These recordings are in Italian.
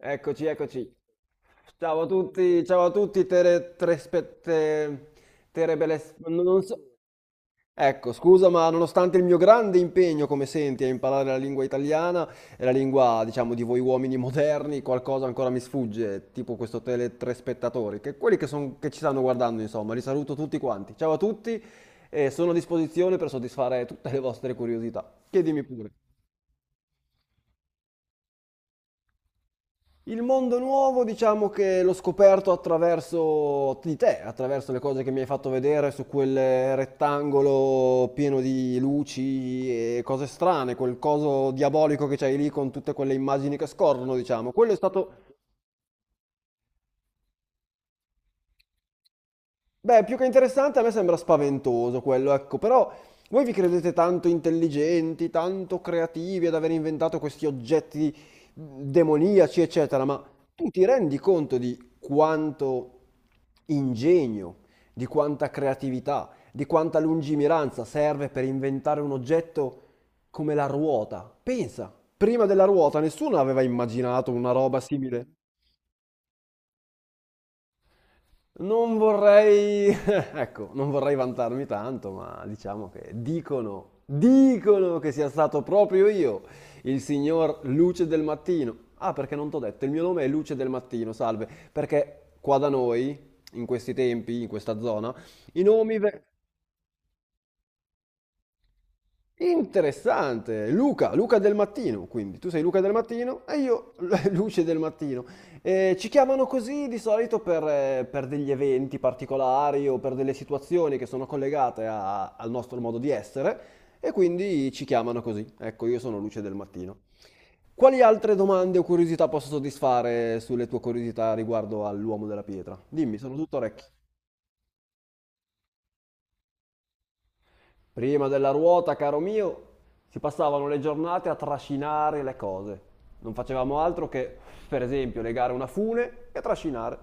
Eccoci, eccoci. Ciao a tutti, tere, tre spe- te- terebeles- non so. Ecco, scusa, ma nonostante il mio grande impegno, come senti, a imparare la lingua italiana e la lingua, diciamo, di voi uomini moderni, qualcosa ancora mi sfugge, tipo questo tele tre spettatori, che quelli che, che ci stanno guardando, insomma, li saluto tutti quanti. Ciao a tutti e sono a disposizione per soddisfare tutte le vostre curiosità. Chiedimi pure. Il mondo nuovo, diciamo che l'ho scoperto attraverso di te, attraverso le cose che mi hai fatto vedere su quel rettangolo pieno di luci e cose strane, quel coso diabolico che c'hai lì con tutte quelle immagini che scorrono, diciamo. Quello è stato. Beh, più che interessante, a me sembra spaventoso quello, ecco, però voi vi credete tanto intelligenti, tanto creativi ad aver inventato questi oggetti demoniaci, eccetera, ma tu ti rendi conto di quanto ingegno, di quanta creatività, di quanta lungimiranza serve per inventare un oggetto come la ruota? Pensa, prima della ruota nessuno aveva immaginato una roba simile. Non vorrei, ecco, non vorrei vantarmi tanto, ma diciamo che dicono che sia stato proprio io, il signor Luce del Mattino. Ah, perché non t'ho detto, il mio nome è Luce del Mattino, salve, perché qua da noi, in questi tempi, in questa zona, i nomi... ve- Interessante, Luca, Luca del mattino, quindi tu sei Luca del mattino e io Luce del mattino. Ci chiamano così di solito per degli eventi particolari o per delle situazioni che sono collegate al nostro modo di essere e quindi ci chiamano così. Ecco, io sono Luce del mattino. Quali altre domande o curiosità posso soddisfare sulle tue curiosità riguardo all'uomo della pietra? Dimmi, sono tutto orecchi. Prima della ruota, caro mio, si passavano le giornate a trascinare le cose. Non facevamo altro che, per esempio, legare una fune e trascinare.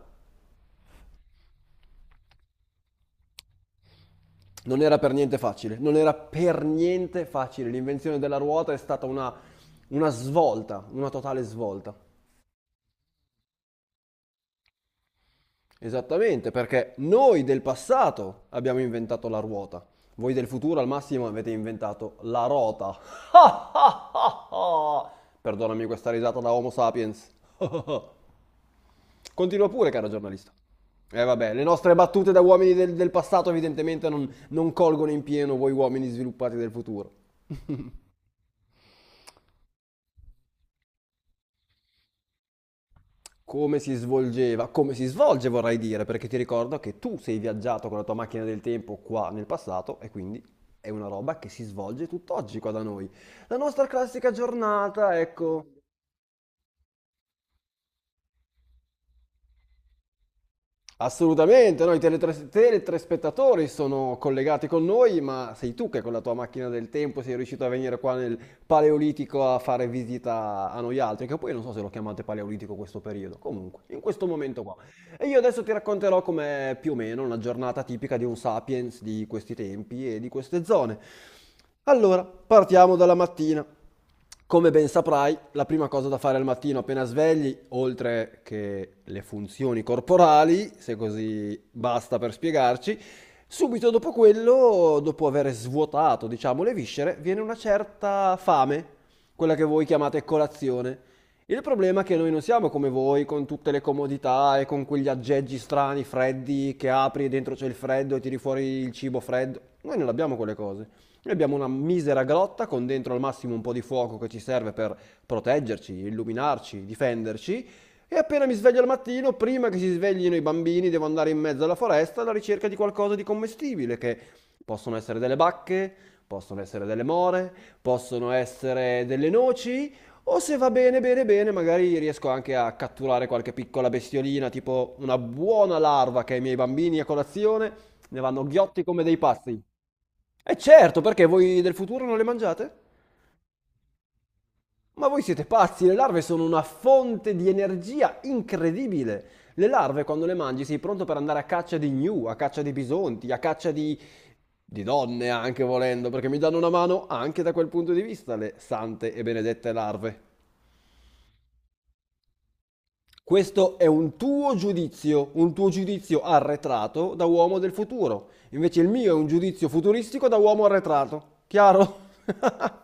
Non era per niente facile, non era per niente facile. L'invenzione della ruota è stata una svolta, una totale svolta. Esattamente, perché noi del passato abbiamo inventato la ruota. Voi del futuro al massimo avete inventato la rota. Perdonami questa risata da Homo sapiens. Continua pure, caro giornalista. Eh vabbè, le nostre battute da uomini del passato evidentemente non colgono in pieno voi uomini sviluppati del futuro. Come si svolgeva, come si svolge vorrei dire, perché ti ricordo che tu sei viaggiato con la tua macchina del tempo qua nel passato e quindi è una roba che si svolge tutt'oggi qua da noi. La nostra classica giornata, ecco. Assolutamente, noi teletraspettatori sono collegati con noi, ma sei tu che con la tua macchina del tempo sei riuscito a venire qua nel Paleolitico a fare visita a noi altri, che poi non so se lo chiamate Paleolitico questo periodo, comunque, in questo momento qua. E io adesso ti racconterò com'è più o meno una giornata tipica di un sapiens di questi tempi e di queste zone. Allora, partiamo dalla mattina. Come ben saprai, la prima cosa da fare al mattino appena svegli, oltre che le funzioni corporali, se così basta per spiegarci, subito dopo quello, dopo aver svuotato, diciamo, le viscere, viene una certa fame, quella che voi chiamate colazione. Il problema è che noi non siamo come voi con tutte le comodità e con quegli aggeggi strani, freddi, che apri e dentro c'è il freddo e tiri fuori il cibo freddo. Noi non abbiamo quelle cose. Noi abbiamo una misera grotta con dentro al massimo un po' di fuoco che ci serve per proteggerci, illuminarci, difenderci. E appena mi sveglio al mattino, prima che si sveglino i bambini, devo andare in mezzo alla foresta alla ricerca di qualcosa di commestibile, che possono essere delle bacche, possono essere delle more, possono essere delle noci o se va bene, bene, bene, magari riesco anche a catturare qualche piccola bestiolina, tipo una buona larva che ai miei bambini a colazione ne vanno ghiotti come dei pazzi. E certo, perché voi del futuro non le mangiate? Ma voi siete pazzi, le larve sono una fonte di energia incredibile. Le larve quando le mangi sei pronto per andare a caccia di gnu, a caccia di bisonti, a caccia di donne anche volendo, perché mi danno una mano anche da quel punto di vista le sante e benedette larve. Questo è un tuo giudizio arretrato da uomo del futuro. Invece il mio è un giudizio futuristico da uomo arretrato. Chiaro?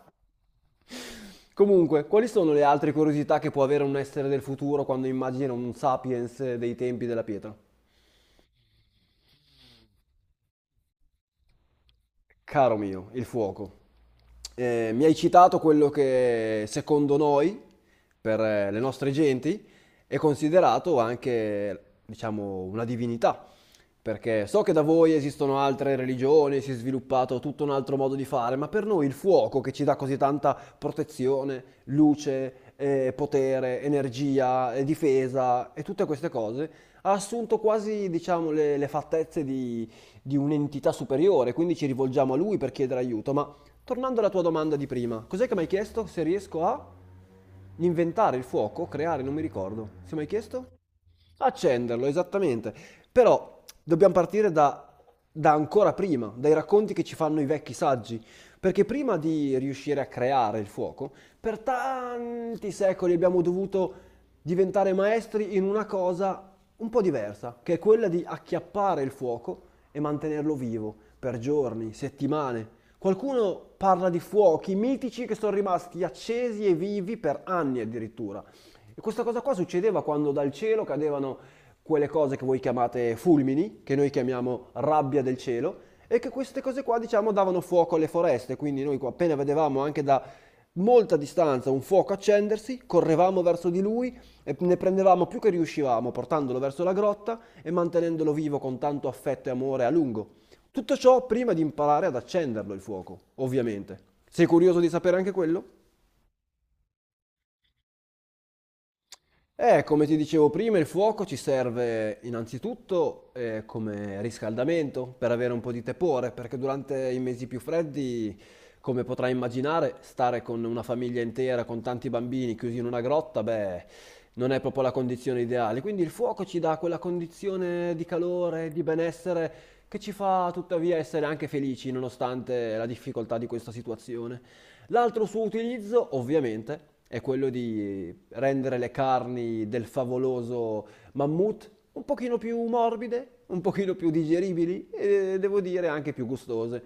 Comunque, quali sono le altre curiosità che può avere un essere del futuro quando immagina un sapiens dei tempi della pietra? Caro mio, il fuoco. Mi hai citato quello che secondo noi, per le nostre genti, è considerato anche, diciamo, una divinità. Perché so che da voi esistono altre religioni, si è sviluppato tutto un altro modo di fare, ma per noi il fuoco che ci dà così tanta protezione, luce, potere, energia, difesa e tutte queste cose, ha assunto quasi, diciamo, le fattezze di un'entità superiore, quindi ci rivolgiamo a lui per chiedere aiuto. Ma tornando alla tua domanda di prima, cos'è che mi hai chiesto se riesco a inventare il fuoco, creare, non mi ricordo. Se mi hai chiesto? Accenderlo, esattamente. Però dobbiamo partire da ancora prima, dai racconti che ci fanno i vecchi saggi, perché prima di riuscire a creare il fuoco, per tanti secoli abbiamo dovuto diventare maestri in una cosa un po' diversa, che è quella di acchiappare il fuoco e mantenerlo vivo per giorni, settimane. Qualcuno parla di fuochi mitici che sono rimasti accesi e vivi per anni addirittura. E questa cosa qua succedeva quando dal cielo cadevano quelle cose che voi chiamate fulmini, che noi chiamiamo rabbia del cielo, e che queste cose qua, diciamo, davano fuoco alle foreste. Quindi noi qua appena vedevamo anche da molta distanza un fuoco accendersi, correvamo verso di lui e ne prendevamo più che riuscivamo, portandolo verso la grotta e mantenendolo vivo con tanto affetto e amore a lungo. Tutto ciò prima di imparare ad accenderlo il fuoco, ovviamente. Sei curioso di sapere anche quello? Come ti dicevo prima, il fuoco ci serve innanzitutto come riscaldamento per avere un po' di tepore, perché durante i mesi più freddi, come potrai immaginare, stare con una famiglia intera, con tanti bambini chiusi in una grotta, beh, non è proprio la condizione ideale. Quindi il fuoco ci dà quella condizione di calore, di benessere che ci fa tuttavia essere anche felici nonostante la difficoltà di questa situazione. L'altro suo utilizzo, ovviamente, è quello di rendere le carni del favoloso mammut un pochino più morbide, un pochino più digeribili e devo dire anche più gustose.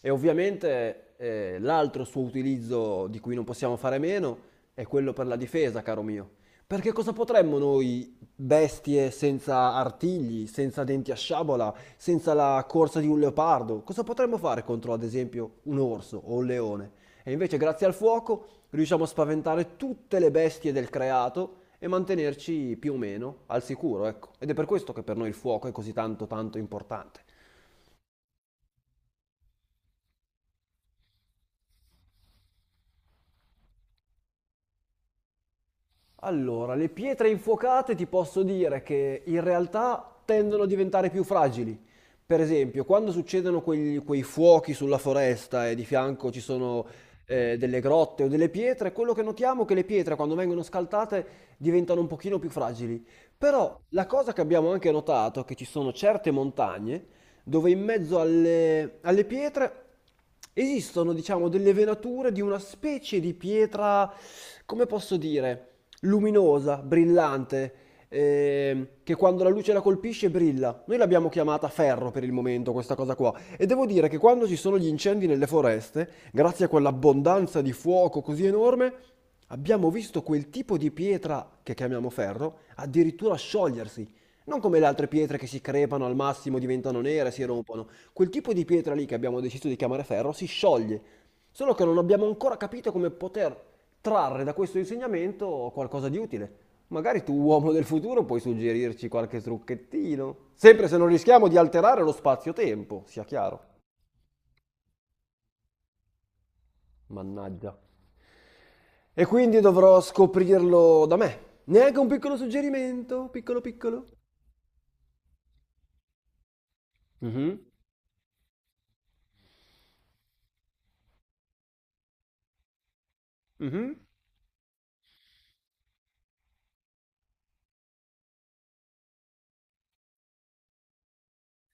E ovviamente l'altro suo utilizzo di cui non possiamo fare meno è quello per la difesa, caro mio. Perché cosa potremmo noi, bestie senza artigli, senza denti a sciabola, senza la corsa di un leopardo, cosa potremmo fare contro, ad esempio, un orso o un leone? E invece, grazie al fuoco, riusciamo a spaventare tutte le bestie del creato e mantenerci più o meno al sicuro, ecco. Ed è per questo che per noi il fuoco è così tanto tanto importante. Allora, le pietre infuocate ti posso dire che in realtà tendono a diventare più fragili. Per esempio, quando succedono quei fuochi sulla foresta e di fianco ci sono delle grotte o delle pietre, quello che notiamo è che le pietre quando vengono scaltate diventano un pochino più fragili. Però la cosa che abbiamo anche notato è che ci sono certe montagne dove in mezzo alle pietre esistono, diciamo, delle venature di una specie di pietra, come posso dire? Luminosa, brillante, che quando la luce la colpisce brilla. Noi l'abbiamo chiamata ferro per il momento, questa cosa qua. E devo dire che quando ci sono gli incendi nelle foreste, grazie a quell'abbondanza di fuoco così enorme, abbiamo visto quel tipo di pietra che chiamiamo ferro addirittura sciogliersi. Non come le altre pietre che si crepano al massimo, diventano nere, si rompono. Quel tipo di pietra lì che abbiamo deciso di chiamare ferro si scioglie. Solo che non abbiamo ancora capito come poter trarre da questo insegnamento qualcosa di utile. Magari tu, uomo del futuro, puoi suggerirci qualche trucchettino. Sempre se non rischiamo di alterare lo spazio-tempo, sia chiaro. Mannaggia. E quindi dovrò scoprirlo da me. Neanche un piccolo suggerimento, piccolo piccolo. Mhm. Mhm.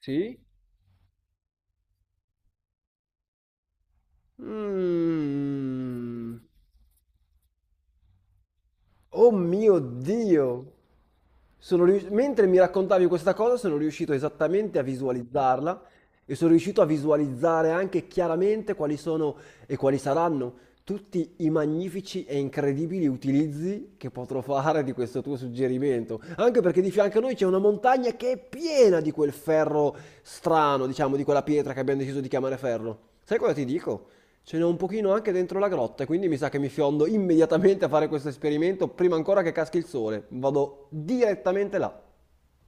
Sì. Mm. Oh mio Dio! Mentre mi raccontavi questa cosa, sono riuscito esattamente a visualizzarla e sono riuscito a visualizzare anche chiaramente quali sono e quali saranno tutti i magnifici e incredibili utilizzi che potrò fare di questo tuo suggerimento. Anche perché di fianco a noi c'è una montagna che è piena di quel ferro strano, diciamo, di quella pietra che abbiamo deciso di chiamare ferro. Sai cosa ti dico? Ce n'è un pochino anche dentro la grotta, e quindi mi sa che mi fiondo immediatamente a fare questo esperimento prima ancora che caschi il sole. Vado direttamente là.